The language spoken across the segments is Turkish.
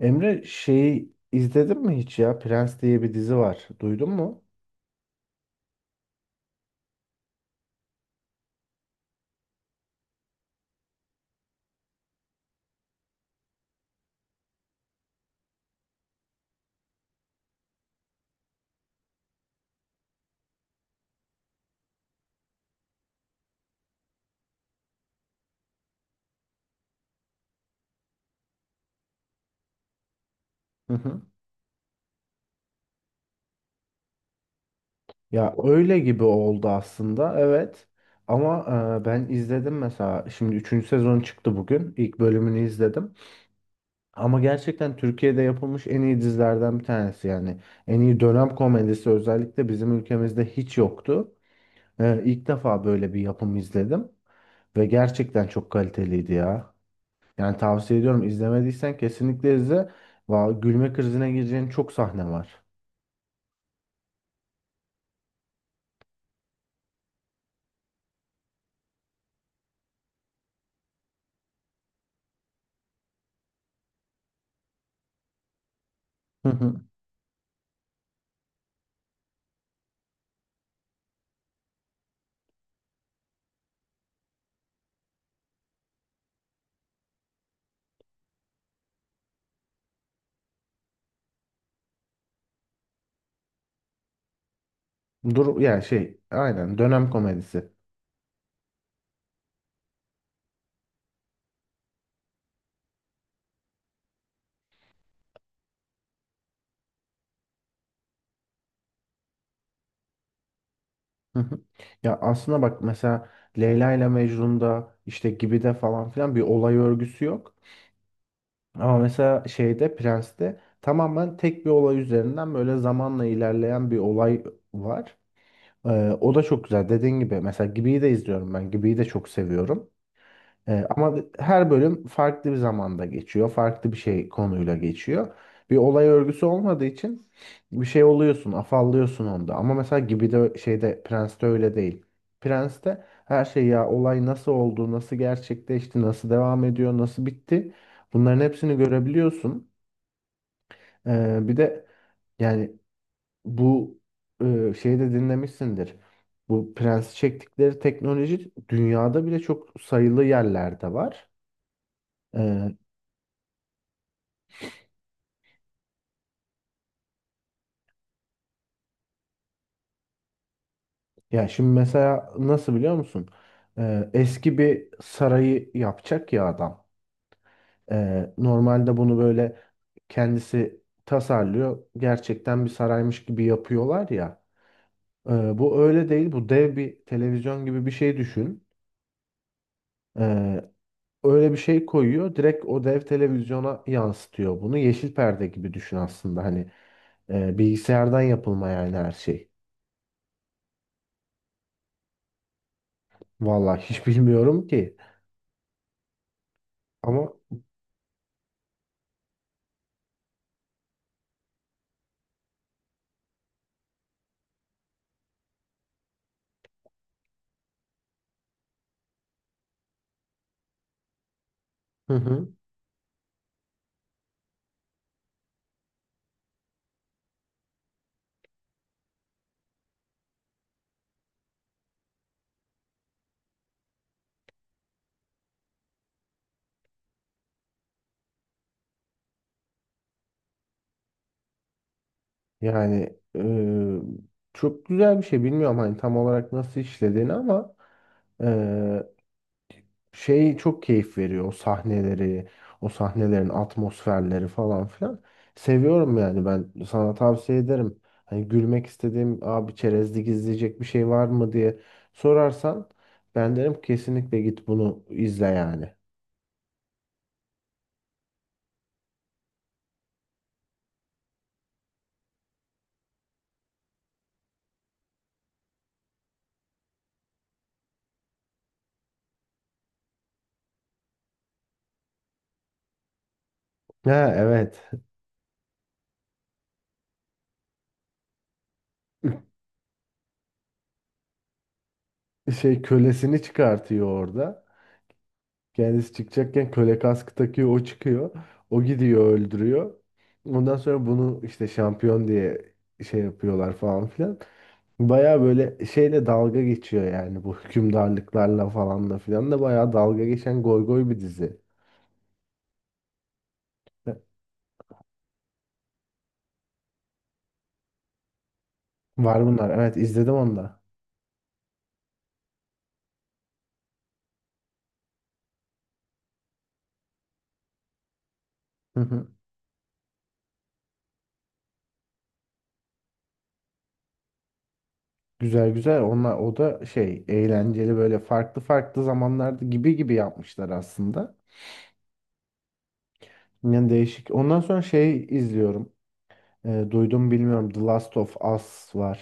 Emre şeyi izledin mi hiç ya? Prens diye bir dizi var. Duydun mu? Hı hı. Ya öyle gibi oldu aslında. Evet. Ama ben izledim mesela. Şimdi üçüncü sezon çıktı bugün. İlk bölümünü izledim. Ama gerçekten Türkiye'de yapılmış en iyi dizilerden bir tanesi yani. En iyi dönem komedisi özellikle bizim ülkemizde hiç yoktu. İlk defa böyle bir yapım izledim. Ve gerçekten çok kaliteliydi ya. Yani tavsiye ediyorum. İzlemediysen kesinlikle izle. Va gülme krizine gireceğin çok sahne var. Hı hı. Dur yani şey aynen dönem komedisi. Hı hı. Ya aslında bak mesela Leyla ile Mecnun'da işte gibi de falan filan bir olay örgüsü yok. Ama mesela şeyde Prens'te tamamen tek bir olay üzerinden böyle zamanla ilerleyen bir olay var. O da çok güzel. Dediğin gibi mesela Gibi'yi de izliyorum ben. Gibi'yi de çok seviyorum. Ama her bölüm farklı bir zamanda geçiyor. Farklı bir şey konuyla geçiyor. Bir olay örgüsü olmadığı için bir şey oluyorsun, afallıyorsun onda. Ama mesela gibi de şeyde Prens'te öyle değil. Prens'te her şey ya olay nasıl oldu, nasıl gerçekleşti, nasıl devam ediyor, nasıl bitti. Bunların hepsini görebiliyorsun. Bir de yani bu şeyi de dinlemişsindir. Bu Prens'i çektikleri teknoloji dünyada bile çok sayılı yerlerde var. Ee, Ya şimdi mesela nasıl biliyor musun? Eski bir sarayı yapacak ya adam. Normalde bunu böyle kendisi tasarlıyor. Gerçekten bir saraymış gibi yapıyorlar ya. Bu öyle değil. Bu dev bir televizyon gibi bir şey düşün. Ee, Öyle bir şey koyuyor. Direkt o dev televizyona yansıtıyor bunu. Yeşil perde gibi düşün aslında. Hani bilgisayardan yapılma yani her şey. Vallahi hiç bilmiyorum ki. Ama. Hı hı. Yani çok güzel bir şey. Bilmiyorum hani tam olarak nasıl işlediğini ama eee, şey çok keyif veriyor. O sahnelerin atmosferleri falan filan. Seviyorum yani ben sana tavsiye ederim. Hani gülmek istediğim abi çerezlik izleyecek bir şey var mı diye sorarsan ben derim kesinlikle git bunu izle yani. Ha evet. Şey kölesini çıkartıyor orada. Kendisi çıkacakken köle kaskı takıyor, o çıkıyor. O gidiyor öldürüyor. Ondan sonra bunu işte şampiyon diye şey yapıyorlar falan filan. Baya böyle şeyle dalga geçiyor yani bu hükümdarlıklarla falan da filan da baya dalga geçen goy bir dizi. Var bunlar. Evet izledim onu da. Hı hı. Güzel güzel. Onlar o da şey eğlenceli böyle farklı farklı zamanlarda gibi gibi yapmışlar aslında. Yani değişik. Ondan sonra şey izliyorum. Duydum bilmiyorum. The Last of Us var.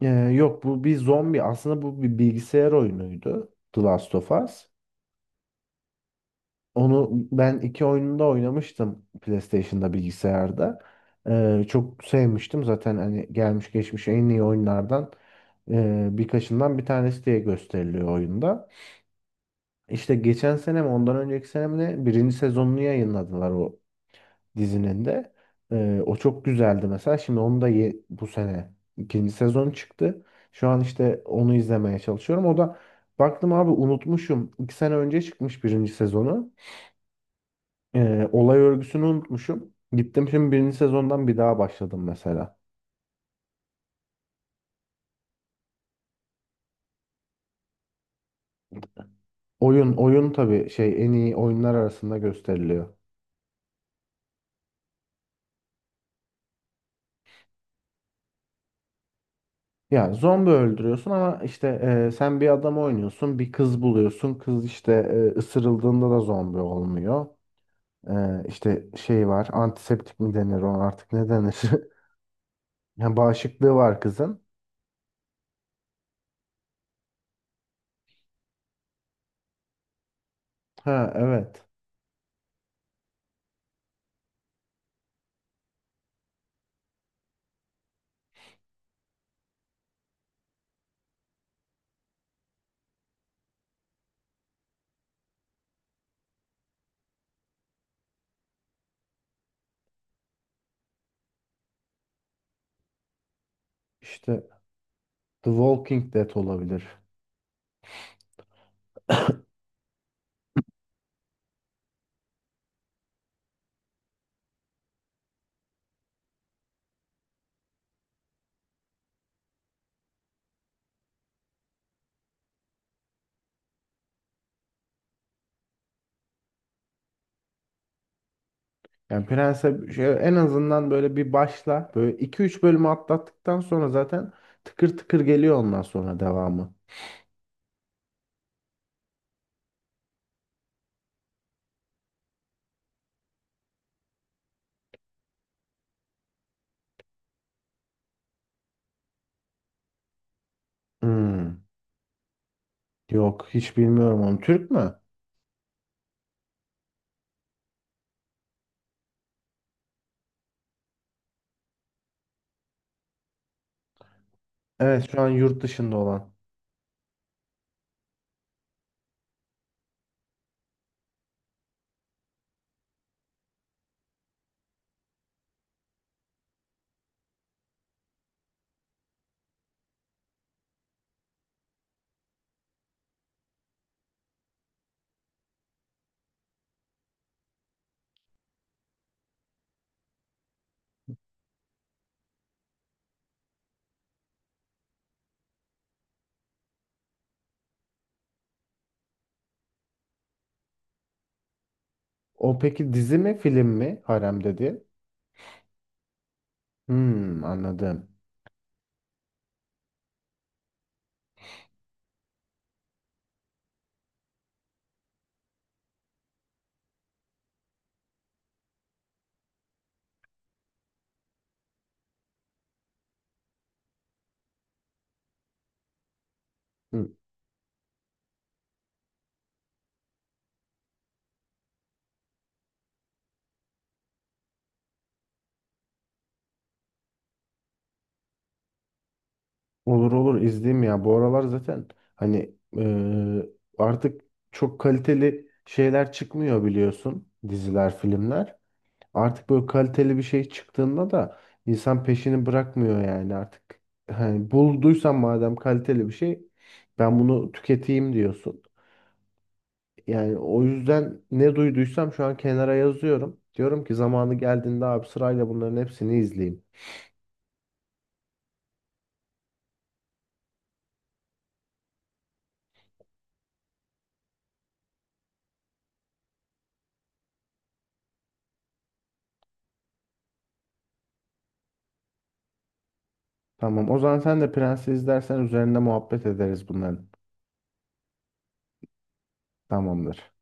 E, Yok bu bir zombi. Aslında bu bir bilgisayar oyunuydu. The Last of Us. Onu ben iki oyununda oynamıştım PlayStation'da bilgisayarda. Çok sevmiştim. Zaten hani gelmiş geçmiş en iyi oyunlardan birkaçından bir tanesi diye gösteriliyor oyunda. İşte geçen sene mi ondan önceki sene mi ne birinci sezonunu yayınladılar o dizinin de. O çok güzeldi mesela. Şimdi onu da bu sene ikinci sezon çıktı. Şu an işte onu izlemeye çalışıyorum. O da baktım abi unutmuşum. 2 sene önce çıkmış birinci sezonu. Olay örgüsünü unutmuşum. Gittim şimdi birinci sezondan bir daha başladım mesela. Oyun tabii şey en iyi oyunlar arasında gösteriliyor. Ya zombi öldürüyorsun ama işte sen bir adam oynuyorsun, bir kız buluyorsun. Kız işte ısırıldığında da zombi olmuyor. İşte şey var. Antiseptik mi denir ona artık ne denir? Yani bağışıklığı var kızın. Ha evet. İşte The Walking Dead olabilir. Yani Prens'e şey, en azından böyle bir başla. Böyle iki üç bölümü atlattıktan sonra zaten tıkır tıkır geliyor ondan sonra devamı. Hmm. Yok hiç bilmiyorum onu. Türk mü? Evet şu an yurt dışında olan. O peki dizi mi film mi? Harem dedi. Hmm, anladım. Olur olur izleyeyim ya. Bu aralar zaten hani artık çok kaliteli şeyler çıkmıyor biliyorsun. Diziler, filmler. Artık böyle kaliteli bir şey çıktığında da insan peşini bırakmıyor yani artık. Hani bulduysan madem kaliteli bir şey ben bunu tüketeyim diyorsun. Yani o yüzden ne duyduysam şu an kenara yazıyorum. Diyorum ki zamanı geldiğinde abi sırayla bunların hepsini izleyeyim. Tamam o zaman sen de Prens'i izlersen üzerinde muhabbet ederiz bunların. Tamamdır.